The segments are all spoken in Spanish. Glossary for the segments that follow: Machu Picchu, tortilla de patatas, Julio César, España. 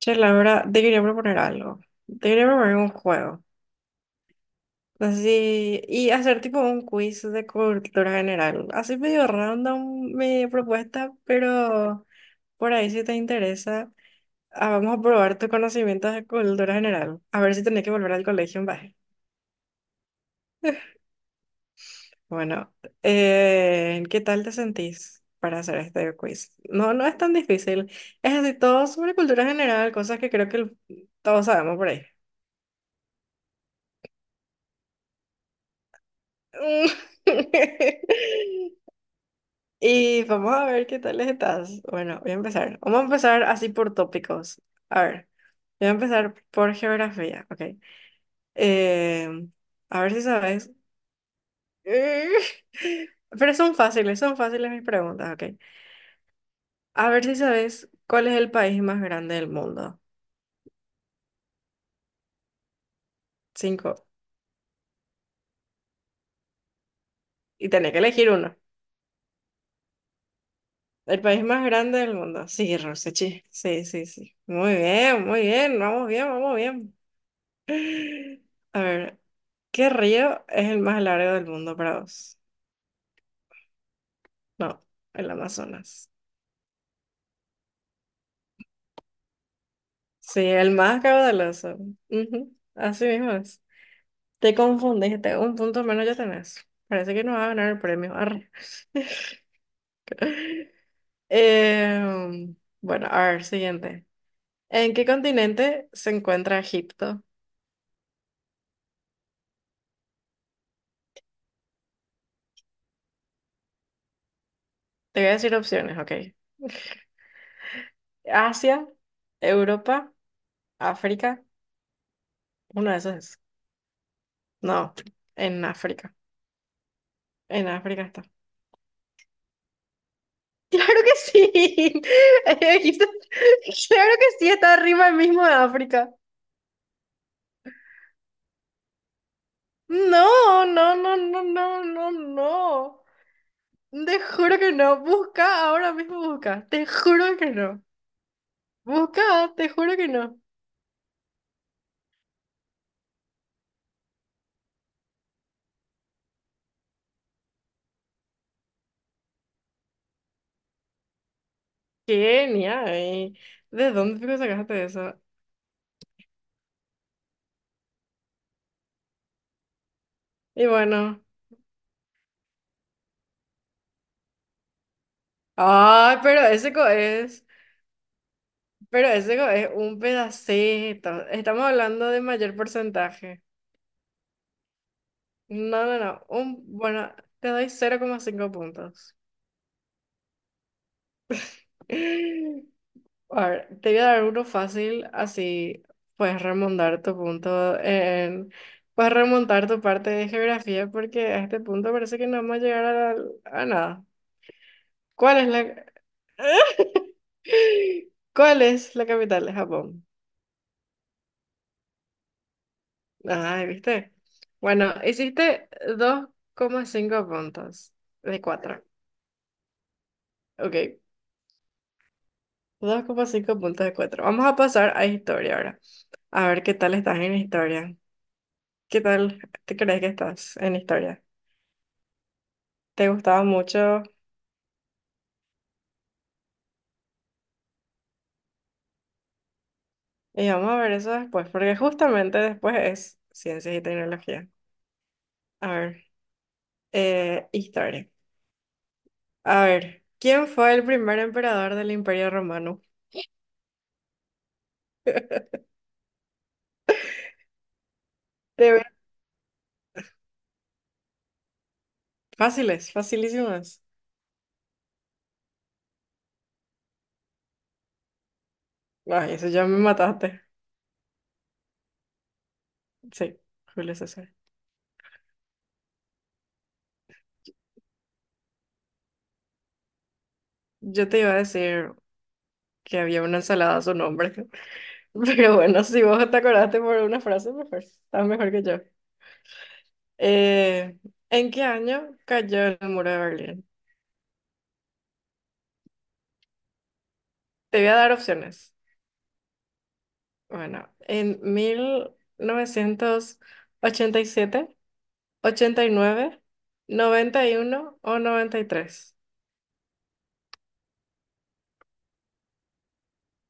Che, Laura, te quería proponer algo. Te quería proponer un juego. Así, y hacer tipo un quiz de cultura general. Así medio random mi propuesta, pero por ahí si te interesa, vamos a probar tus conocimientos de cultura general. A ver si tenés que volver al colegio en baje. Bueno, ¿qué tal te sentís para hacer este quiz? No, no es tan difícil. Es así, todo sobre cultura general, cosas que creo que todos sabemos por ahí. Y vamos a ver qué tal estás. Bueno, voy a empezar. Vamos a empezar así por tópicos. A ver, voy a empezar por geografía, ok. Eh, a ver si sabes. Eh, Pero son fáciles mis preguntas, ok. A ver si sabes cuál es el país más grande del mundo. Cinco. Y tenés que elegir uno. El país más grande del mundo. Sí, Rosechi. Sí, sí, sí. Muy bien, muy bien. Vamos bien, vamos bien. A ver, ¿qué río es el más largo del mundo para vos? No, el Amazonas. Sí, el más caudaloso. Ujú, así mismo es. Te confundiste, un punto menos ya tenés. Parece que no va a ganar el premio. Arre. Em, bueno, a ver, siguiente. ¿En qué continente se encuentra Egipto? Te voy a decir opciones, ok. Asia, Europa, África. Uno de esos es. No, en África. En África está. Claro que sí. Dijiste, claro que sí, está arriba mismo de África. No, no, no, no, no, no, no. Te juro que no. Busca, ahora mismo busca. Te juro que no. Busca, te juro que no. Kenia, ¿de dónde fijo sacaste eso? Y bueno. Ay, pero ese co es. Pero ese co es un pedacito. Estamos hablando de mayor porcentaje. No, no, no. Bueno, te doy 0,5 puntos. A ver, te voy a dar uno fácil, así puedes remontar tu punto en, puedes remontar tu parte de geografía porque a este punto parece que no vamos a llegar a nada. ¿Cuál es la, ¿cuál es la capital de Japón? Ay, ¿viste? Bueno, hiciste 2,5 puntos de 4. Ok, 2,5 puntos de cuatro. Vamos a pasar a historia ahora. A ver qué tal estás en historia. ¿Qué tal te crees que estás en historia? Te gustaba mucho. Y vamos a ver eso después, porque justamente después es ciencias y tecnología. A ver, historia. A ver, ¿quién fue el primer emperador del Imperio Romano? Te ve- Fáciles, facilísimas. Ay, eso ya me mataste. Sí, Julio César. Yo te iba a decir que había una ensalada a su nombre, pero bueno, si vos te acordaste por una frase, mejor, estás mejor que yo. Eh, ¿En qué año cayó el muro de Berlín? Te voy a dar opciones. Bueno, en mil novecientos ochenta y siete, ochenta y nueve, noventa y uno o 93.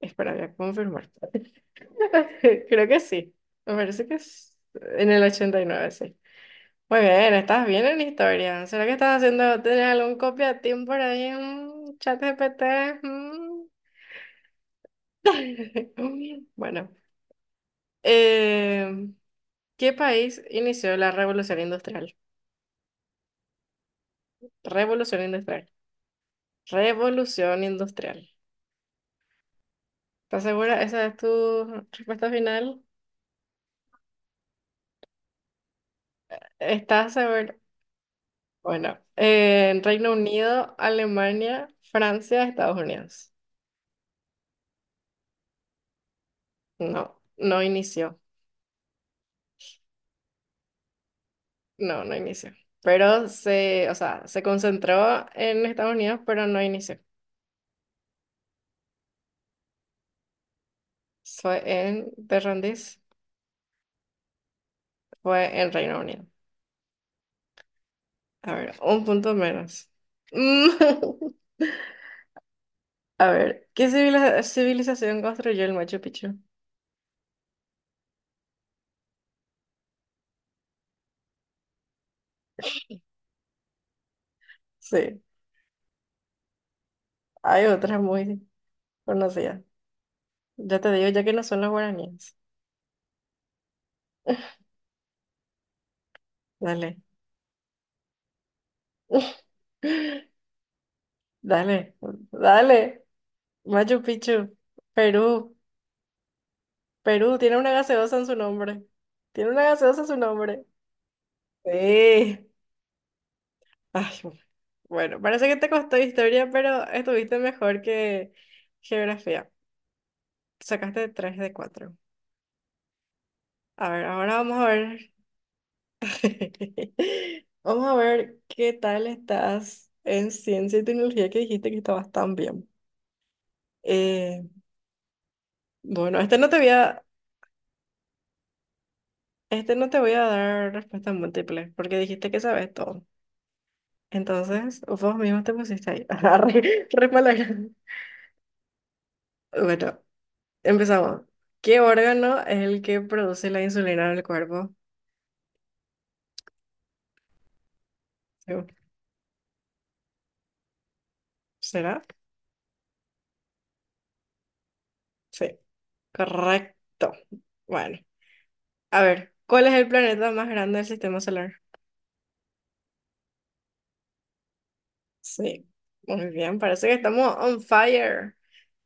Espera, voy a confirmar. Creo que sí. Me parece que es en el 89, sí. Muy bien, estás bien en historia. ¿Será que estás haciendo, tienes algún copia-team por ahí en chat GPT? Bueno, eh, ¿qué país inició la revolución industrial? Revolución industrial. Revolución industrial. ¿Estás segura? ¿Esa es tu respuesta final? ¿Estás segura? Bueno, en Reino Unido, Alemania, Francia, Estados Unidos. No, no inició. No, no inició. Pero se, o sea, se concentró en Estados Unidos, pero no inició. Fue en, ¿te rendís? Fue en Reino Unido. A ver, un punto menos. Mm. A ver, ¿qué civilización construyó el Machu Picchu? Sí. Hay otras muy conocidas. Ya te digo, ya que no son los guaraníes. Dale. Dale, dale. Machu Picchu, Perú. Perú tiene una gaseosa en su nombre. Tiene una gaseosa en su nombre. Sí. Ay, bueno, bueno, parece que te costó historia, pero estuviste mejor que geografía. Sacaste 3 de 4. A ver, ahora vamos a ver. Vamos a ver qué tal estás en ciencia y tecnología que dijiste que estabas tan bien. Eh, bueno, este no te voy a, este no te voy a dar respuesta múltiple porque dijiste que sabes todo. Entonces, vos mismo te pusiste ahí. Re, re palabra. Bueno, empezamos. ¿Qué órgano es el que produce la insulina en el cuerpo? Sí. ¿Será? Sí, correcto. Bueno, a ver, ¿cuál es el planeta más grande del sistema solar? Sí, muy bien, parece que estamos on fire.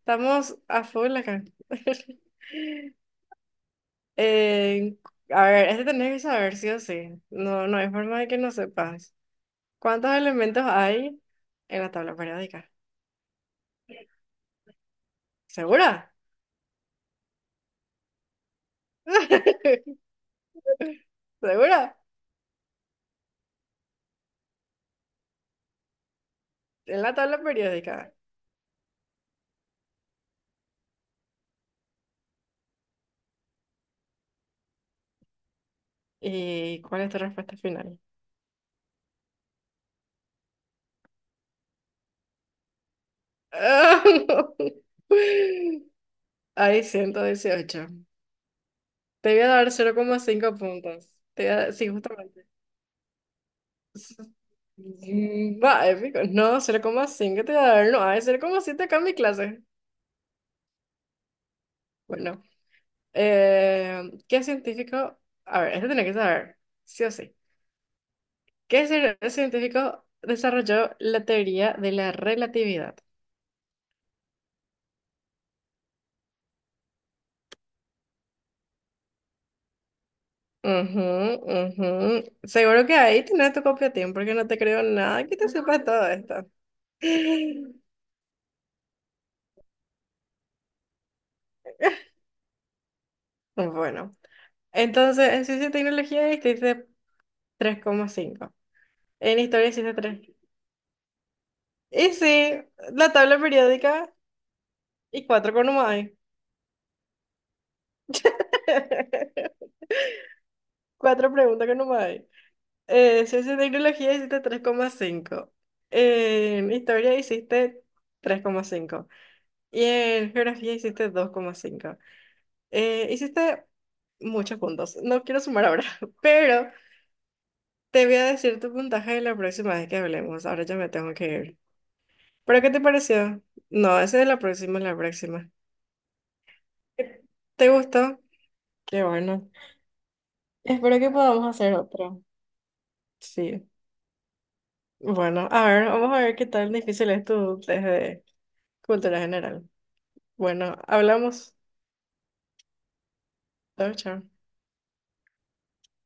Estamos a full acá. Eh, a ver, este tenés que saber sí o sí. No, no hay forma de que no sepas. ¿Cuántos elementos hay en la tabla periódica? ¿Segura? ¿Segura? En la tabla periódica. ¿Y cuál es tu respuesta final? Ah, no. Hay 118. Te voy a dar 0,5 puntos. Sí, justamente. Va, épico. No, 0,5 te da a ver, no, hay 0,7 acá en mi clase. Bueno, ¿qué científico? A ver, este tiene que saber, sí o sí. ¿Qué científico desarrolló la teoría de la relatividad? Ujú, ujú. Seguro que ahí tienes tu copia, Tim, porque no te creo nada que te sepas todo esto. Bueno, entonces en ciencia y tecnología hiciste 3,5. En historia hiciste. Y sí, la tabla periódica y cuatro que no más hay. Cuatro preguntas que no más hay. Ciencia y tecnología hiciste tres coma cinco. En historia hiciste 3,5. Y en geografía hiciste 2,5. Hiciste muchos puntos. No quiero sumar ahora, pero te voy a decir tu puntaje la próxima vez que hablemos. Ahora ya me tengo que ir. ¿Pero qué te pareció? No, esa es la próxima, la próxima. ¿Te gustó? Qué bueno. Espero que podamos hacer otra. Sí. Bueno, a ver, vamos a ver qué tan difícil es tu test de cultura general. Bueno, hablamos. Chao, chao.